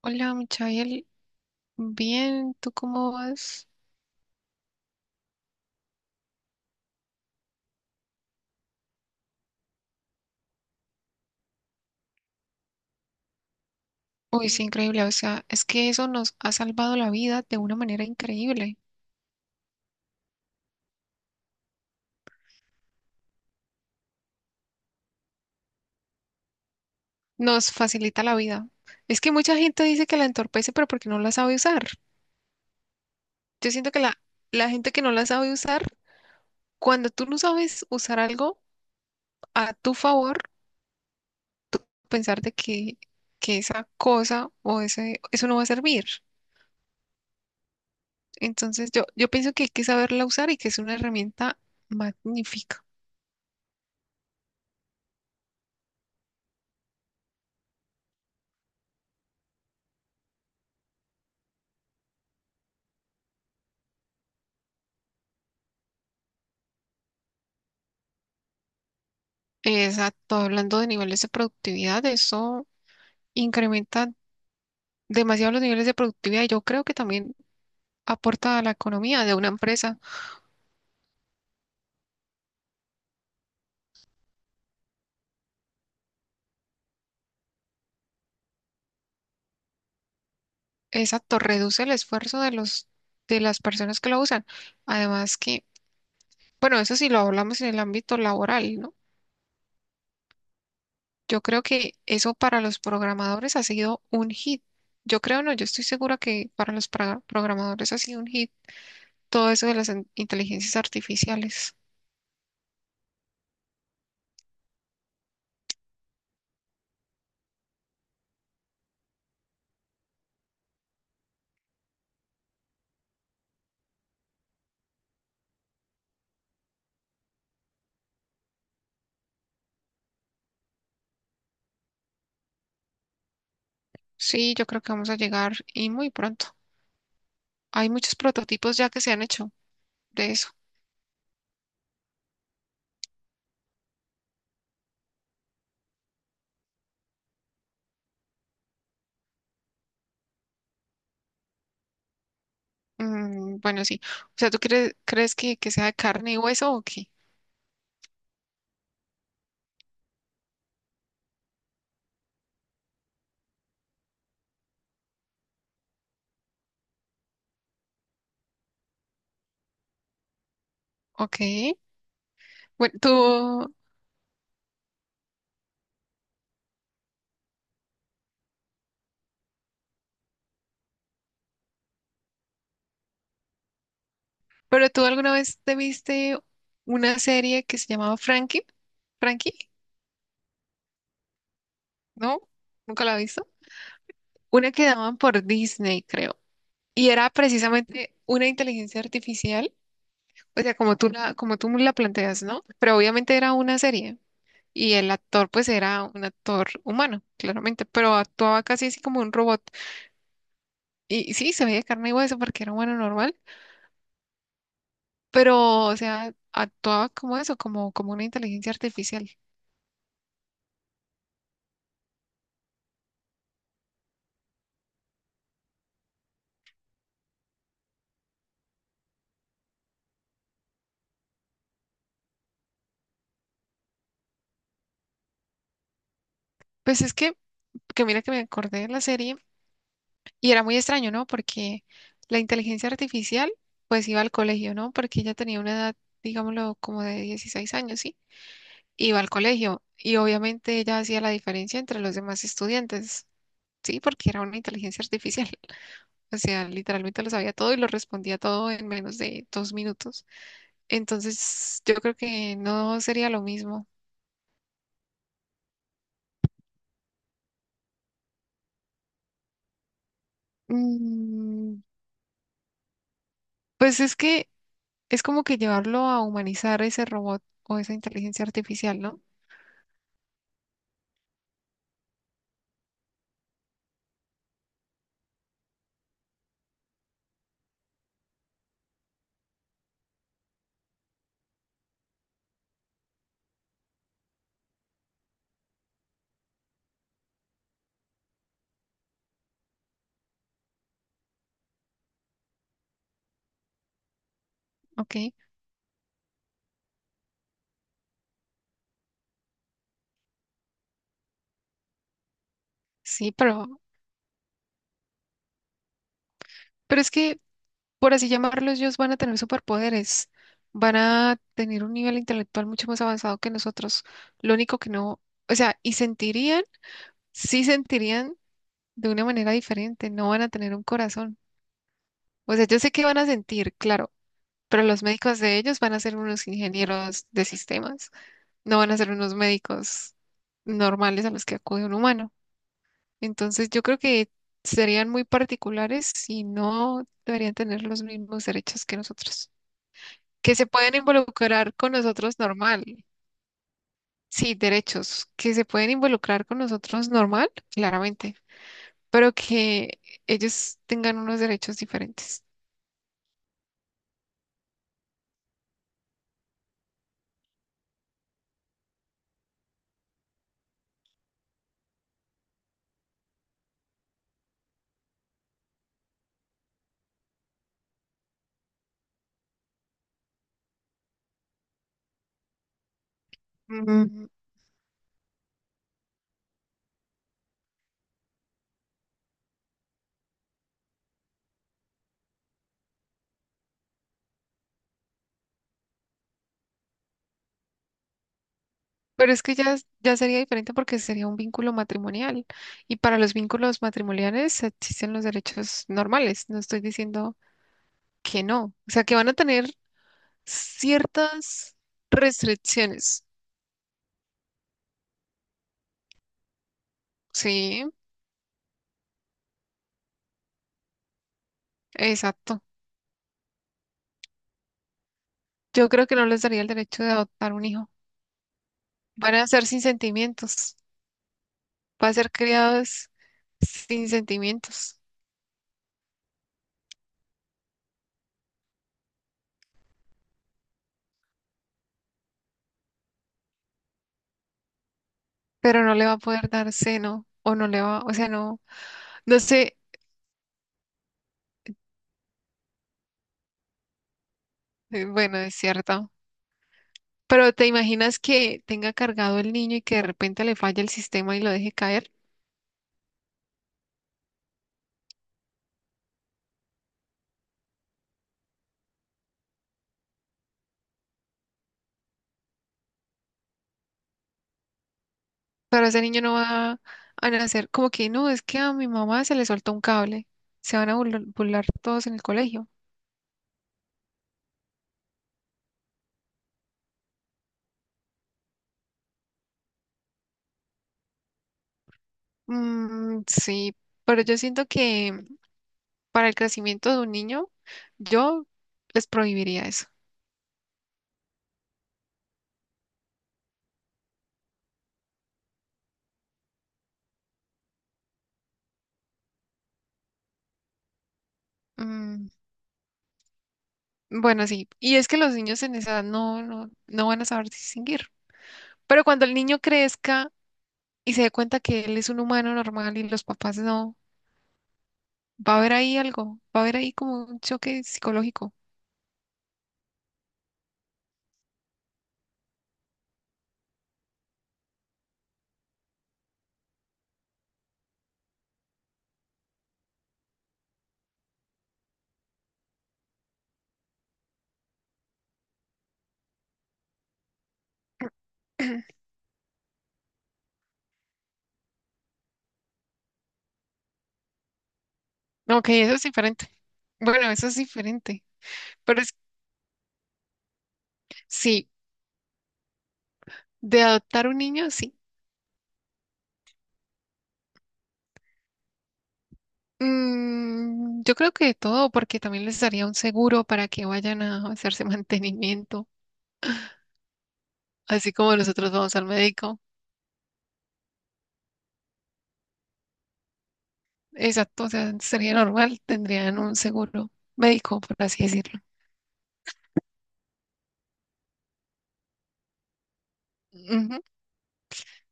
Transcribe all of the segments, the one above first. Hola, Michael. Bien, ¿tú cómo vas? Uy, es increíble. O sea, es que eso nos ha salvado la vida de una manera increíble. Nos facilita la vida. Es que mucha gente dice que la entorpece, pero porque no la sabe usar. Yo siento que la gente que no la sabe usar, cuando tú no sabes usar algo a tu favor, pensar de que esa cosa o eso no va a servir. Entonces, yo pienso que hay que saberla usar y que es una herramienta magnífica. Exacto, hablando de niveles de productividad, eso incrementa demasiado los niveles de productividad y yo creo que también aporta a la economía de una empresa. Exacto, reduce el esfuerzo de los de las personas que lo usan. Además que, bueno, eso sí lo hablamos en el ámbito laboral, ¿no? Yo creo que eso para los programadores ha sido un hit. Yo creo, no, yo estoy segura que para los programadores ha sido un hit todo eso de las inteligencias artificiales. Sí, yo creo que vamos a llegar y muy pronto. Hay muchos prototipos ya que se han hecho de eso. Mm, bueno, sí. O sea, ¿tú crees que sea de carne y hueso o qué? Ok. Bueno, tú, pero tú alguna vez te viste una serie que se llamaba ¿Frankie? ¿Frankie? ¿No? ¿Nunca la has visto? Una que daban por Disney, creo. Y era precisamente una inteligencia artificial. O sea, como tú la planteas, ¿no? Pero obviamente era una serie. Y el actor, pues, era un actor humano, claramente, pero actuaba casi así como un robot. Y sí, se veía carne y hueso porque era bueno normal, pero, o sea, actuaba como eso, como una inteligencia artificial. Pues es que mira que me acordé de la serie y era muy extraño, ¿no? Porque la inteligencia artificial, pues iba al colegio, ¿no? Porque ella tenía una edad, digámoslo, como de 16 años, ¿sí? Iba al colegio y obviamente ella hacía la diferencia entre los demás estudiantes, ¿sí? Porque era una inteligencia artificial. O sea, literalmente lo sabía todo y lo respondía todo en menos de 2 minutos. Entonces, yo creo que no sería lo mismo. Mm, pues es que es como que llevarlo a humanizar ese robot o esa inteligencia artificial, ¿no? Ok, sí, pero es que, por así llamarlo, ellos van a tener superpoderes, van a tener un nivel intelectual mucho más avanzado que nosotros. Lo único que no, o sea, y sentirían, sí sentirían de una manera diferente, no van a tener un corazón. O sea, yo sé que van a sentir, claro, pero los médicos de ellos van a ser unos ingenieros de sistemas, no van a ser unos médicos normales a los que acude un humano. Entonces, yo creo que serían muy particulares y no deberían tener los mismos derechos que nosotros. Que se pueden involucrar con nosotros normal. Sí, derechos. Que se pueden involucrar con nosotros normal, claramente, pero que ellos tengan unos derechos diferentes. Mm, pero es que ya, ya sería diferente porque sería un vínculo matrimonial y para los vínculos matrimoniales existen los derechos normales. No estoy diciendo que no. O sea, que van a tener ciertas restricciones. Sí, exacto. Yo creo que no les daría el derecho de adoptar un hijo. Van a ser sin sentimientos. Va a ser criados sin sentimientos, pero no le va a poder dar seno o no le va, o sea, no, no sé. Bueno, es cierto. Pero ¿te imaginas que tenga cargado el niño y que de repente le falle el sistema y lo deje caer? Pero ese niño no va a nacer como que no, es que a mi mamá se le soltó un cable. Se van a burlar todos en el colegio. Mm, sí, pero yo siento que para el crecimiento de un niño, yo les prohibiría eso. Mm, bueno, sí. Y es que los niños en esa edad no van a saber distinguir. Pero cuando el niño crezca y se dé cuenta que él es un humano normal y los papás no. Va a haber ahí algo, va a haber ahí como un choque psicológico. Ok, eso es diferente. Bueno, eso es diferente. Pero es, sí, de adoptar un niño, sí. Mm, yo creo que de todo, porque también les daría un seguro para que vayan a hacerse mantenimiento, así como nosotros vamos al médico. Exacto, o sea, sería normal, tendrían un seguro médico, por así decirlo. Ujú.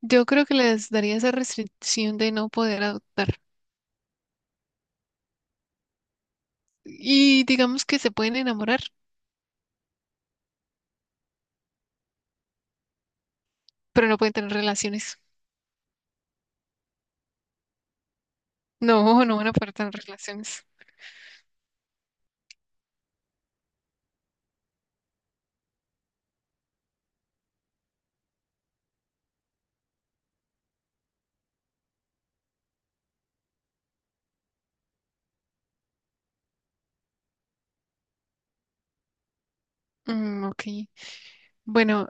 Yo creo que les daría esa restricción de no poder adoptar. Y digamos que se pueden enamorar. Pero no pueden tener relaciones. No, no van a poder tener relaciones. Mm, ok. Bueno,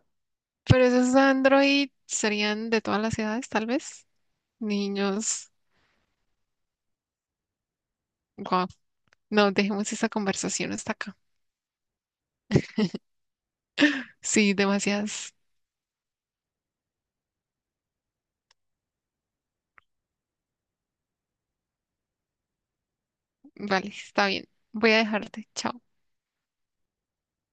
pero esos Android serían de todas las edades, tal vez. Niños, guau. No, dejemos esa conversación hasta acá. Sí, demasiadas. Vale, está bien. Voy a dejarte. Chao.